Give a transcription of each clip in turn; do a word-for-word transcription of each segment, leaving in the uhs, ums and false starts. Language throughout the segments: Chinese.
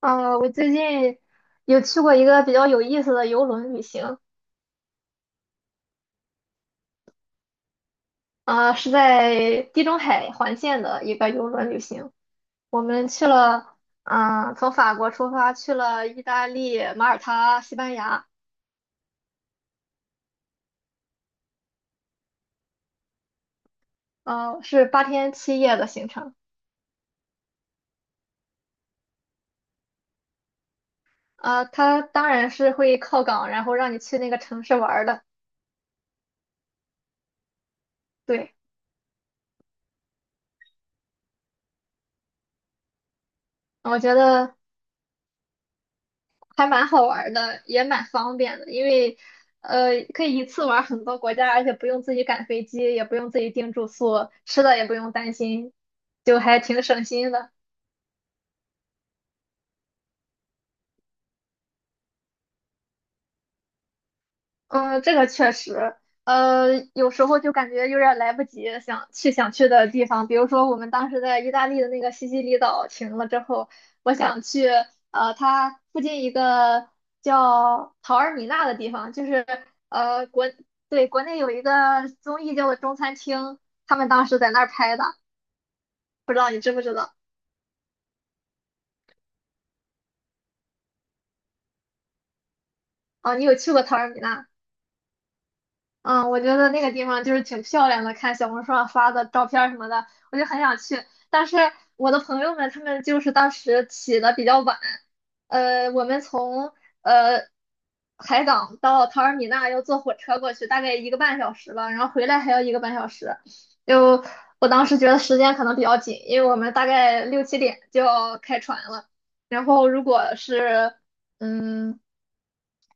呃，我最近有去过一个比较有意思的游轮旅行。啊，是在地中海环线的一个游轮旅行。我们去了，嗯、从法国出发去了意大利、马耳他、西班牙。呃，是八天七夜的行程。啊，它当然是会靠港，然后让你去那个城市玩儿的。对，我觉得还蛮好玩儿的，也蛮方便的，因为呃可以一次玩儿很多国家，而且不用自己赶飞机，也不用自己订住宿，吃的也不用担心，就还挺省心的。嗯，这个确实，呃，有时候就感觉有点来不及想去想去的地方，比如说我们当时在意大利的那个西西里岛停了之后，我想去呃它附近一个叫陶尔米纳的地方。就是呃国对国内有一个综艺叫做《中餐厅》，他们当时在那儿拍的，不知道你知不知道？哦，你有去过陶尔米纳？嗯，我觉得那个地方就是挺漂亮的，看小红书上发的照片儿什么的，我就很想去。但是我的朋友们他们就是当时起的比较晚，呃，我们从呃海港到塔尔米纳要坐火车过去，大概一个半小时吧，然后回来还要一个半小时。就我当时觉得时间可能比较紧，因为我们大概六七点就要开船了，然后如果是嗯，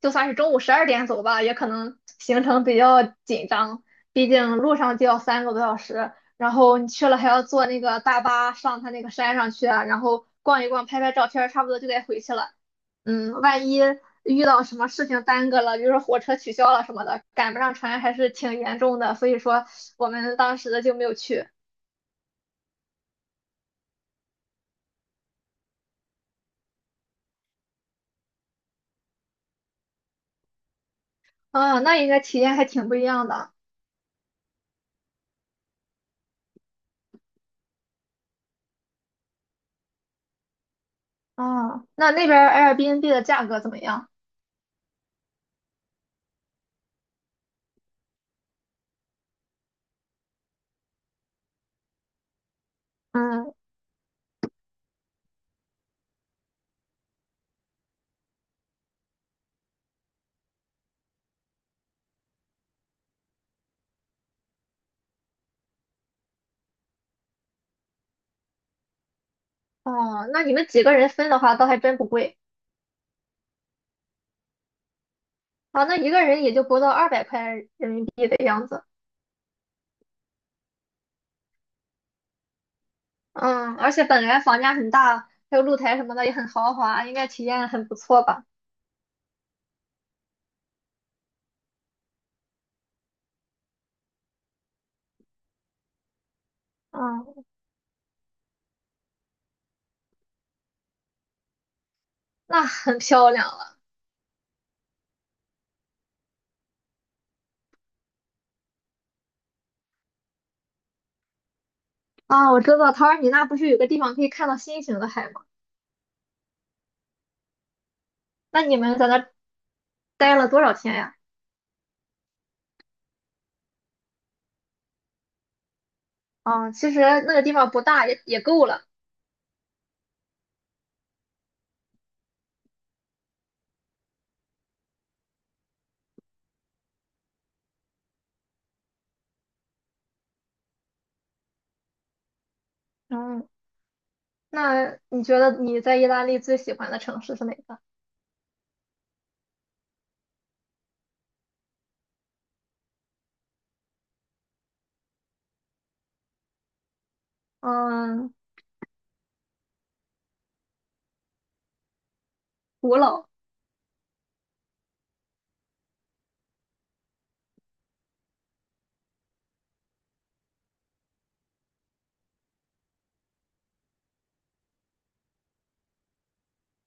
就算是中午十二点走吧，也可能行程比较紧张，毕竟路上就要三个多小时，然后你去了还要坐那个大巴上他那个山上去啊，然后逛一逛，拍拍照片儿差不多就该回去了。嗯，万一遇到什么事情耽搁了，比如说火车取消了什么的，赶不上船还是挺严重的，所以说我们当时就没有去。啊，那应该体验还挺不一样的。啊，那那边儿 Airbnb 的价格怎么样？嗯。哦，那你们几个人分的话，倒还真不贵啊。那一个人也就不到二百块人民币的样子。嗯，而且本来房价很大，还有露台什么的也很豪华，应该体验很不错吧？嗯，那很漂亮了啊！我知道他尔米那不是有个地方可以看到星星的海吗？那你们在那儿待了多少天呀？啊，其实那个地方不大，也也够了。嗯，那你觉得你在意大利最喜欢的城市是哪个？嗯，古老。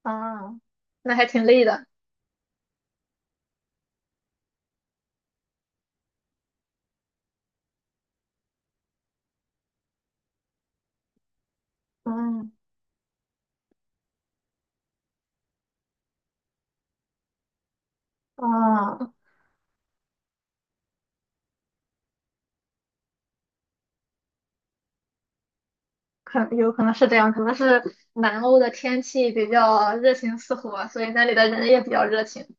啊，那还挺累的。嗯，啊，可有可能是这样，可能是南欧的天气比较热情似火，所以那里的人也比较热情。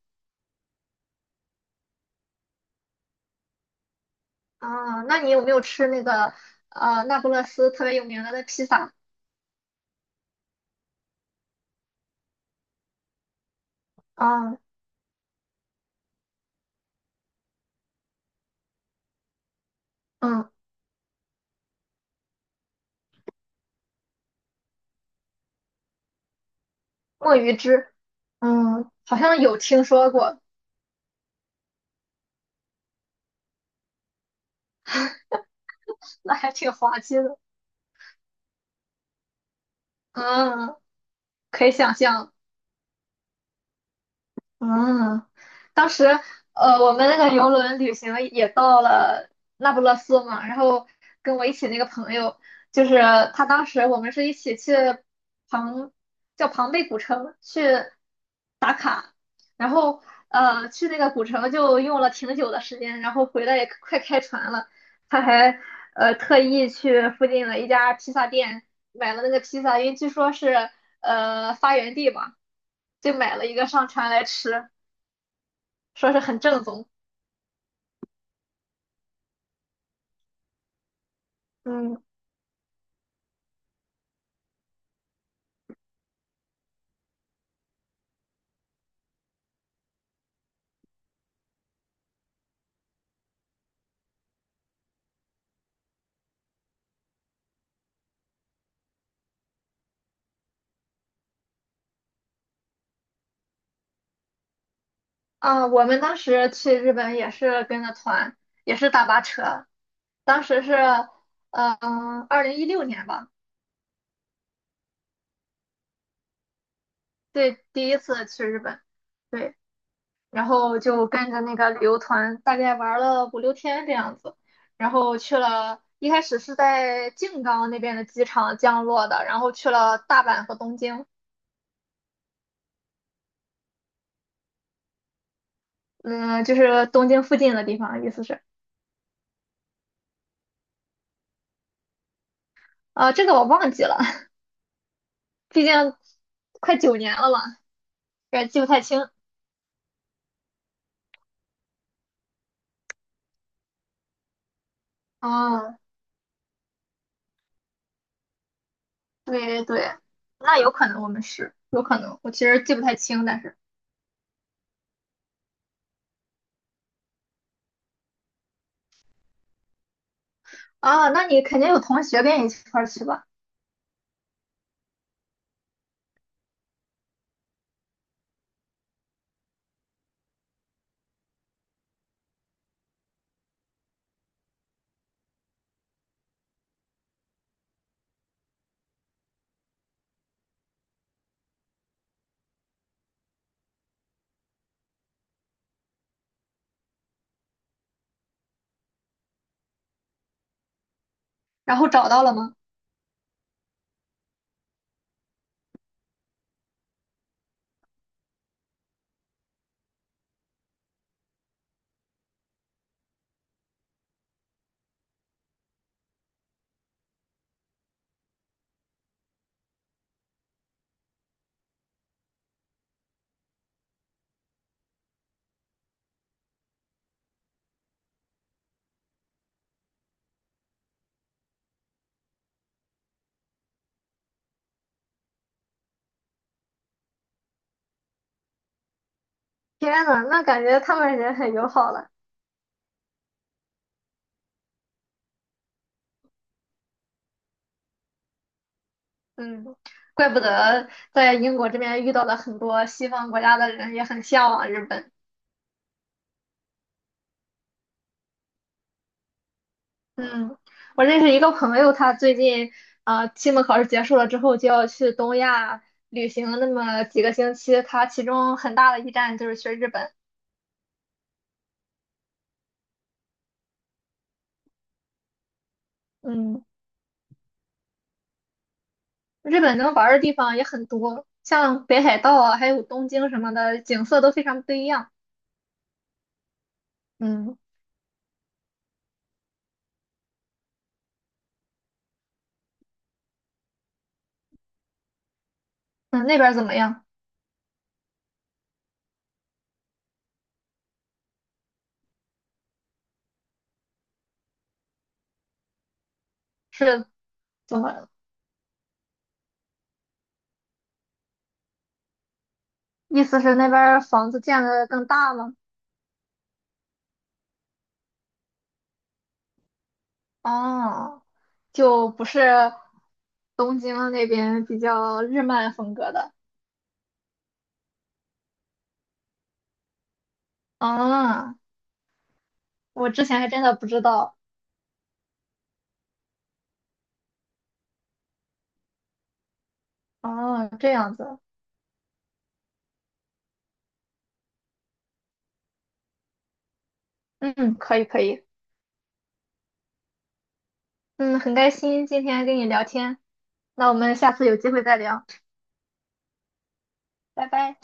啊，那你有没有吃那个呃那不勒斯特别有名的那披萨？啊。嗯，墨鱼汁，嗯，好像有听说过。那还挺滑稽的。嗯，可以想象。嗯，当时呃，我们那个游轮旅行也到了那不勒斯嘛，然后跟我一起那个朋友，就是他当时我们是一起去庞叫庞贝古城去，然后呃去那个古城就用了挺久的时间，然后回来也快开船了，他还呃特意去附近的一家披萨店买了那个披萨，因为据说是呃发源地嘛，就买了一个上船来吃，说是很正宗。嗯啊，我们当时去日本也是跟着团，也是大巴车。当时是，嗯、二零一六年吧，对，第一次去日本，对，然后就跟着那个旅游团，大概玩了五六天这样子，然后去了，一开始是在静冈那边的机场降落的，然后去了大阪和东京。嗯，就是东京附近的地方，意思是，啊，这个我忘记了，毕竟快九年了嘛，有点记不太清。啊。对对对，那有可能我们是，有可能，我其实记不太清，但是啊，那你肯定有同学跟你一块儿去吧？然后找到了吗？天呐，那感觉他们人很友好了。嗯，怪不得在英国这边遇到了很多西方国家的人，也很向往日本。嗯，我认识一个朋友，他最近啊，期末考试结束了之后就要去东亚旅行那么几个星期，他其中很大的一站就是去日本。嗯。日本能玩儿的地方也很多，像北海道啊，还有东京什么的，景色都非常不一样。嗯嗯，那边儿怎么样？是怎么？意思是那边儿房子建的更大吗？哦，就不是东京那边比较日漫风格的。啊，我之前还真的不知道。哦，这样子。嗯，可以可以。嗯，很开心今天跟你聊天，那我们下次有机会再聊，拜拜。